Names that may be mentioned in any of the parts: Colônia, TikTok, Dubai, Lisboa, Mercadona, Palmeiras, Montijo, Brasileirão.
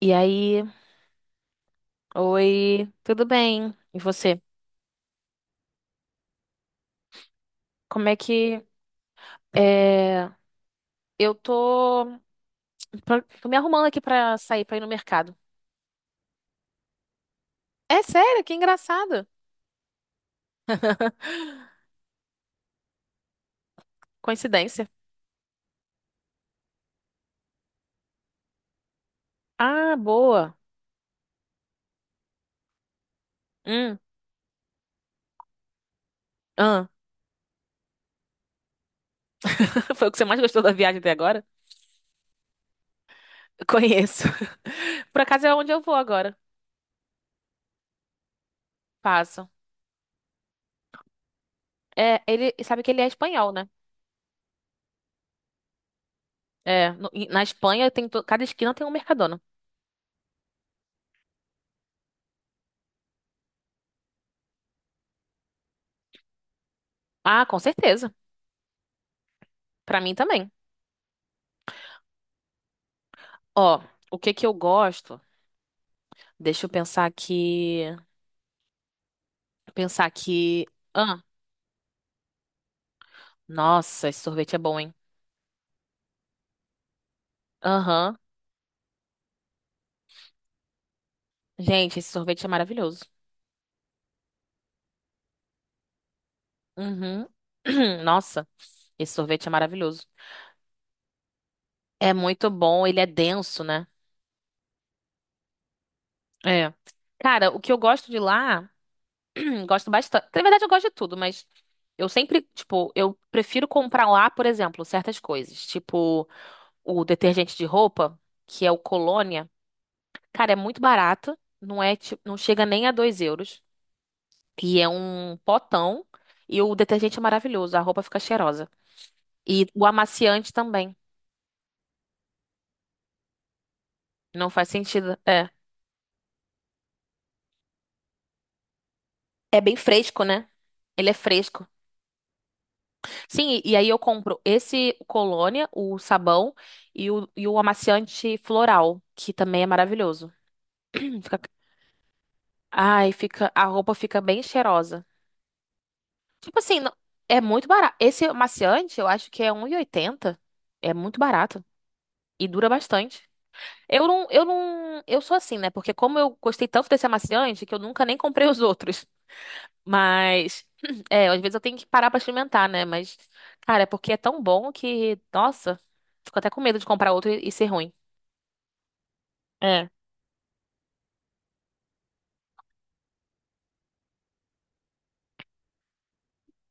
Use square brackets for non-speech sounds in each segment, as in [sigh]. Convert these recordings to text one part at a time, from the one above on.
E aí, oi, tudo bem? E você? Como é que é... Eu tô, tô me arrumando aqui pra sair pra ir no mercado. É sério? Que engraçado. Coincidência. Ah, boa. Hum, ah. [laughs] Foi o que você mais gostou da viagem até agora? Conheço. [laughs] Por acaso é onde eu vou agora. Passo. É, ele sabe que ele é espanhol, né? É, e na Espanha cada esquina tem um Mercadona. Ah, com certeza. Pra mim também. Ó, o que que eu gosto? Deixa eu pensar aqui. Pensar aqui. Ah, nossa, esse sorvete é bom, hein? Aham. Gente, esse sorvete é maravilhoso. Uhum. [clears throat] Nossa, esse sorvete é maravilhoso. É muito bom, ele é denso, né? É. Cara, o que eu gosto de lá, [clears throat] gosto bastante. Na verdade, eu gosto de tudo, mas eu sempre, tipo, eu prefiro comprar lá, por exemplo, certas coisas. Tipo, o detergente de roupa, que é o Colônia. Cara, é muito barato. Não é, tipo, não chega nem a 2 euros. E é um potão. E o detergente é maravilhoso, a roupa fica cheirosa. E o amaciante também. Não faz sentido. É. É bem fresco, né? Ele é fresco. Sim, e aí eu compro esse Colônia, o sabão e o amaciante floral, que também é maravilhoso. [clears throat] Fica- a roupa fica bem cheirosa. Tipo assim, é muito barato. Esse amaciante, eu acho que é 1,80. É muito barato e dura bastante. Eu não, eu não, eu sou assim, né? Porque como eu gostei tanto desse amaciante que eu nunca nem comprei os outros. Mas, [clears throat] é, às vezes eu tenho que parar pra experimentar, né? Mas, cara, é porque é tão bom que, nossa, fico até com medo de comprar outro e ser ruim. É.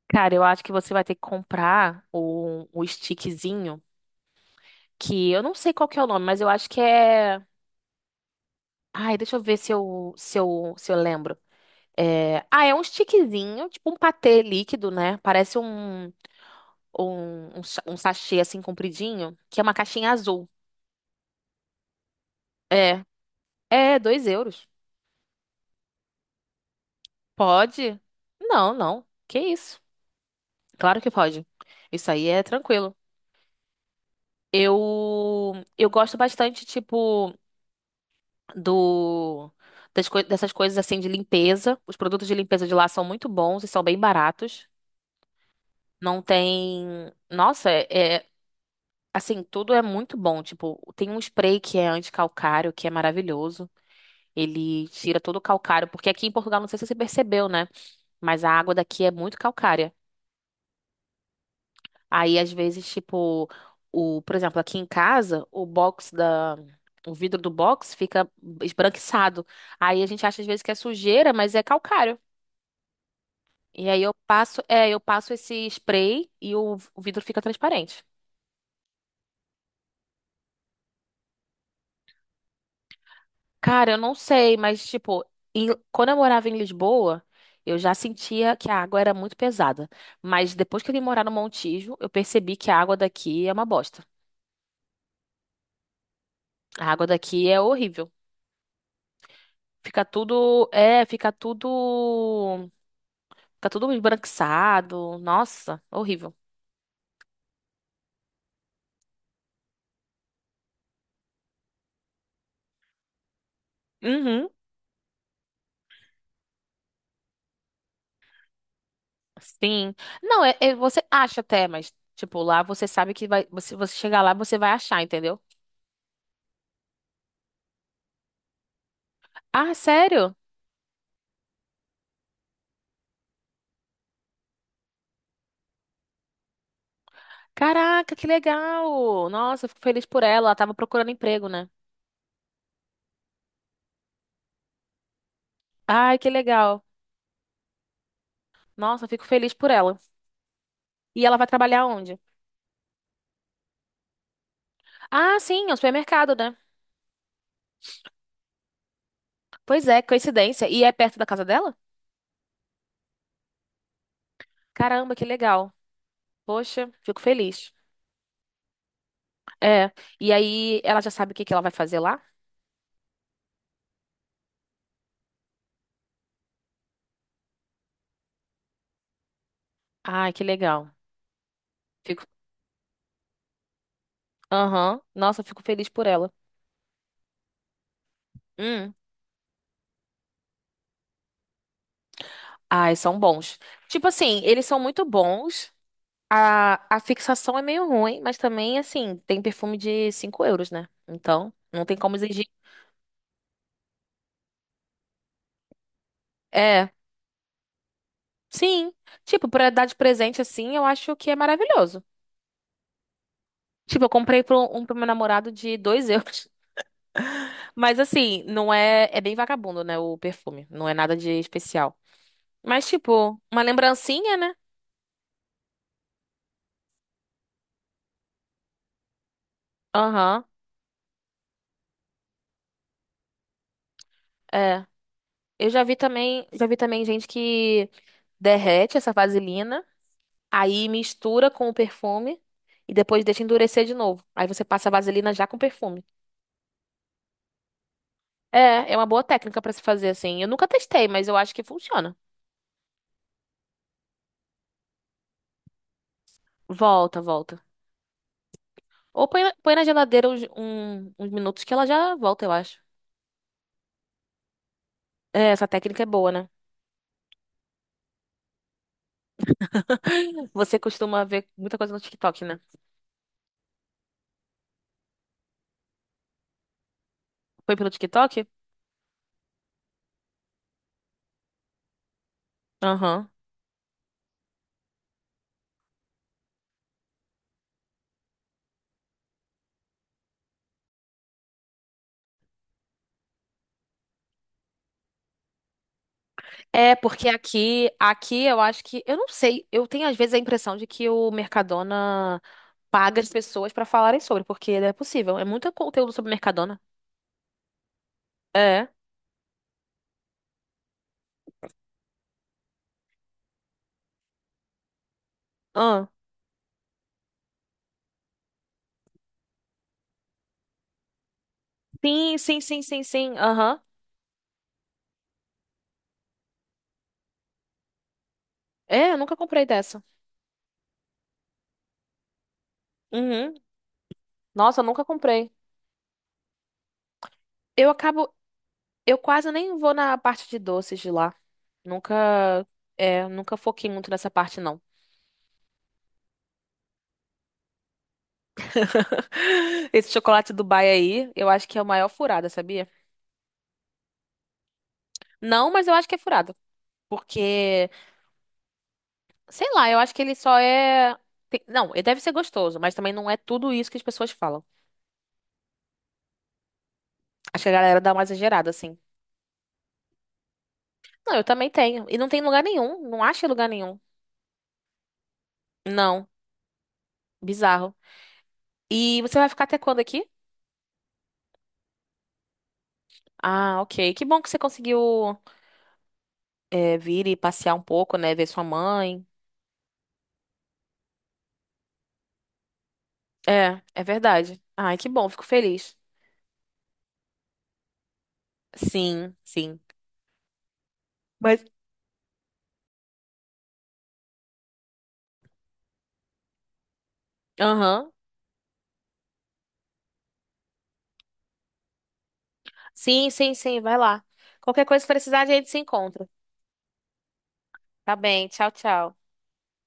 Cara, eu acho que você vai ter que comprar o stickzinho, que eu não sei qual que é o nome, mas eu acho que é. Ai, deixa eu ver se eu lembro. É... Ah, é um stickzinho, tipo um patê líquido, né? Parece um. Ou um sachê assim compridinho, que é uma caixinha azul. É, é, 2 euros. Pode? Não, não. Que isso? Claro que pode. Isso aí é tranquilo. Eu gosto bastante tipo do dessas coisas assim de limpeza. Os produtos de limpeza de lá são muito bons e são bem baratos. Não tem, nossa, é- assim, tudo é muito bom, tipo, tem um spray que é anticalcário, que é maravilhoso. Ele tira todo o calcário, porque aqui em Portugal, não sei se você percebeu, né? Mas a água daqui é muito calcária. Aí, às vezes, tipo, o, por exemplo, aqui em casa, o vidro do box fica esbranquiçado. Aí a gente acha às vezes que é sujeira, mas é calcário. E aí eu passo esse spray e o vidro fica transparente. Cara, eu não sei, mas tipo, quando eu morava em Lisboa, eu já sentia que a água era muito pesada. Mas depois que eu vim morar no Montijo, eu percebi que a água daqui é uma bosta. A água daqui é horrível. Fica tudo, é, fica tudo esbranquiçado. Nossa, horrível. Uhum, sim. Não, você acha até, mas tipo, lá você sabe que vai, você chegar lá, você vai achar, entendeu? Ah, sério? Caraca, que legal! Nossa, eu fico feliz por ela. Ela tava procurando emprego, né? Ai, que legal. Nossa, eu fico feliz por ela. E ela vai trabalhar onde? Ah, sim, é um supermercado, né? Pois é, coincidência. E é perto da casa dela? Caramba, que legal. Poxa, fico feliz. É. E aí, ela já sabe o que que ela vai fazer lá? Ai, que legal. Fico. Aham. Nossa, eu fico feliz por ela. Hum. Ai, são bons. Tipo assim, eles são muito bons. A fixação é meio ruim, mas também, assim, tem perfume de 5 euros, né? Então, não tem como exigir. É, sim. Tipo, pra dar de presente, assim, eu acho que é maravilhoso. Tipo, eu comprei pro, um pro meu namorado de 2 euros. [laughs] Mas, assim, não é... É bem vagabundo, né, o perfume. Não é nada de especial. Mas, tipo, uma lembrancinha, né? Aham, é. Eu já vi também... Já vi também gente que derrete essa vaselina, aí mistura com o perfume e depois deixa endurecer de novo. Aí você passa a vaselina já com perfume. É, é uma boa técnica pra se fazer assim. Eu nunca testei, mas eu acho que funciona. Volta, volta. Ou põe na geladeira uns minutos que ela já volta, eu acho. É, essa técnica é boa, né? [laughs] Você costuma ver muita coisa no TikTok, né? Foi pelo TikTok? Aham. É, porque aqui, aqui eu acho que, eu não sei, eu tenho às vezes a impressão de que o Mercadona paga as pessoas pra falarem sobre, porque não é possível. É muito conteúdo sobre Mercadona. É. Ah. Sim, sim, sim, sim, sim. Aham. É, eu nunca comprei dessa. Uhum. Nossa, eu nunca comprei. Eu acabo. Eu quase nem vou na parte de doces de lá. Nunca. É, nunca foquei muito nessa parte, não. [laughs] Esse chocolate Dubai aí, eu acho que é o maior furada, sabia? Não, mas eu acho que é furada. Porque, sei lá, eu acho que ele só é. Não, ele deve ser gostoso, mas também não é tudo isso que as pessoas falam. Acho que a galera dá uma exagerada, assim. Não, eu também tenho. E não tem lugar nenhum. Não acha em lugar nenhum. Não. Bizarro. E você vai ficar até quando aqui? Ah, ok. Que bom que você conseguiu vir e passear um pouco, né? Ver sua mãe. É, é verdade. Ai, que bom. Fico feliz. Sim, sim. Mas. Aham. Sim, sim, sim. Vai lá. Qualquer coisa que precisar, a gente se encontra. Tá bem. Tchau, tchau.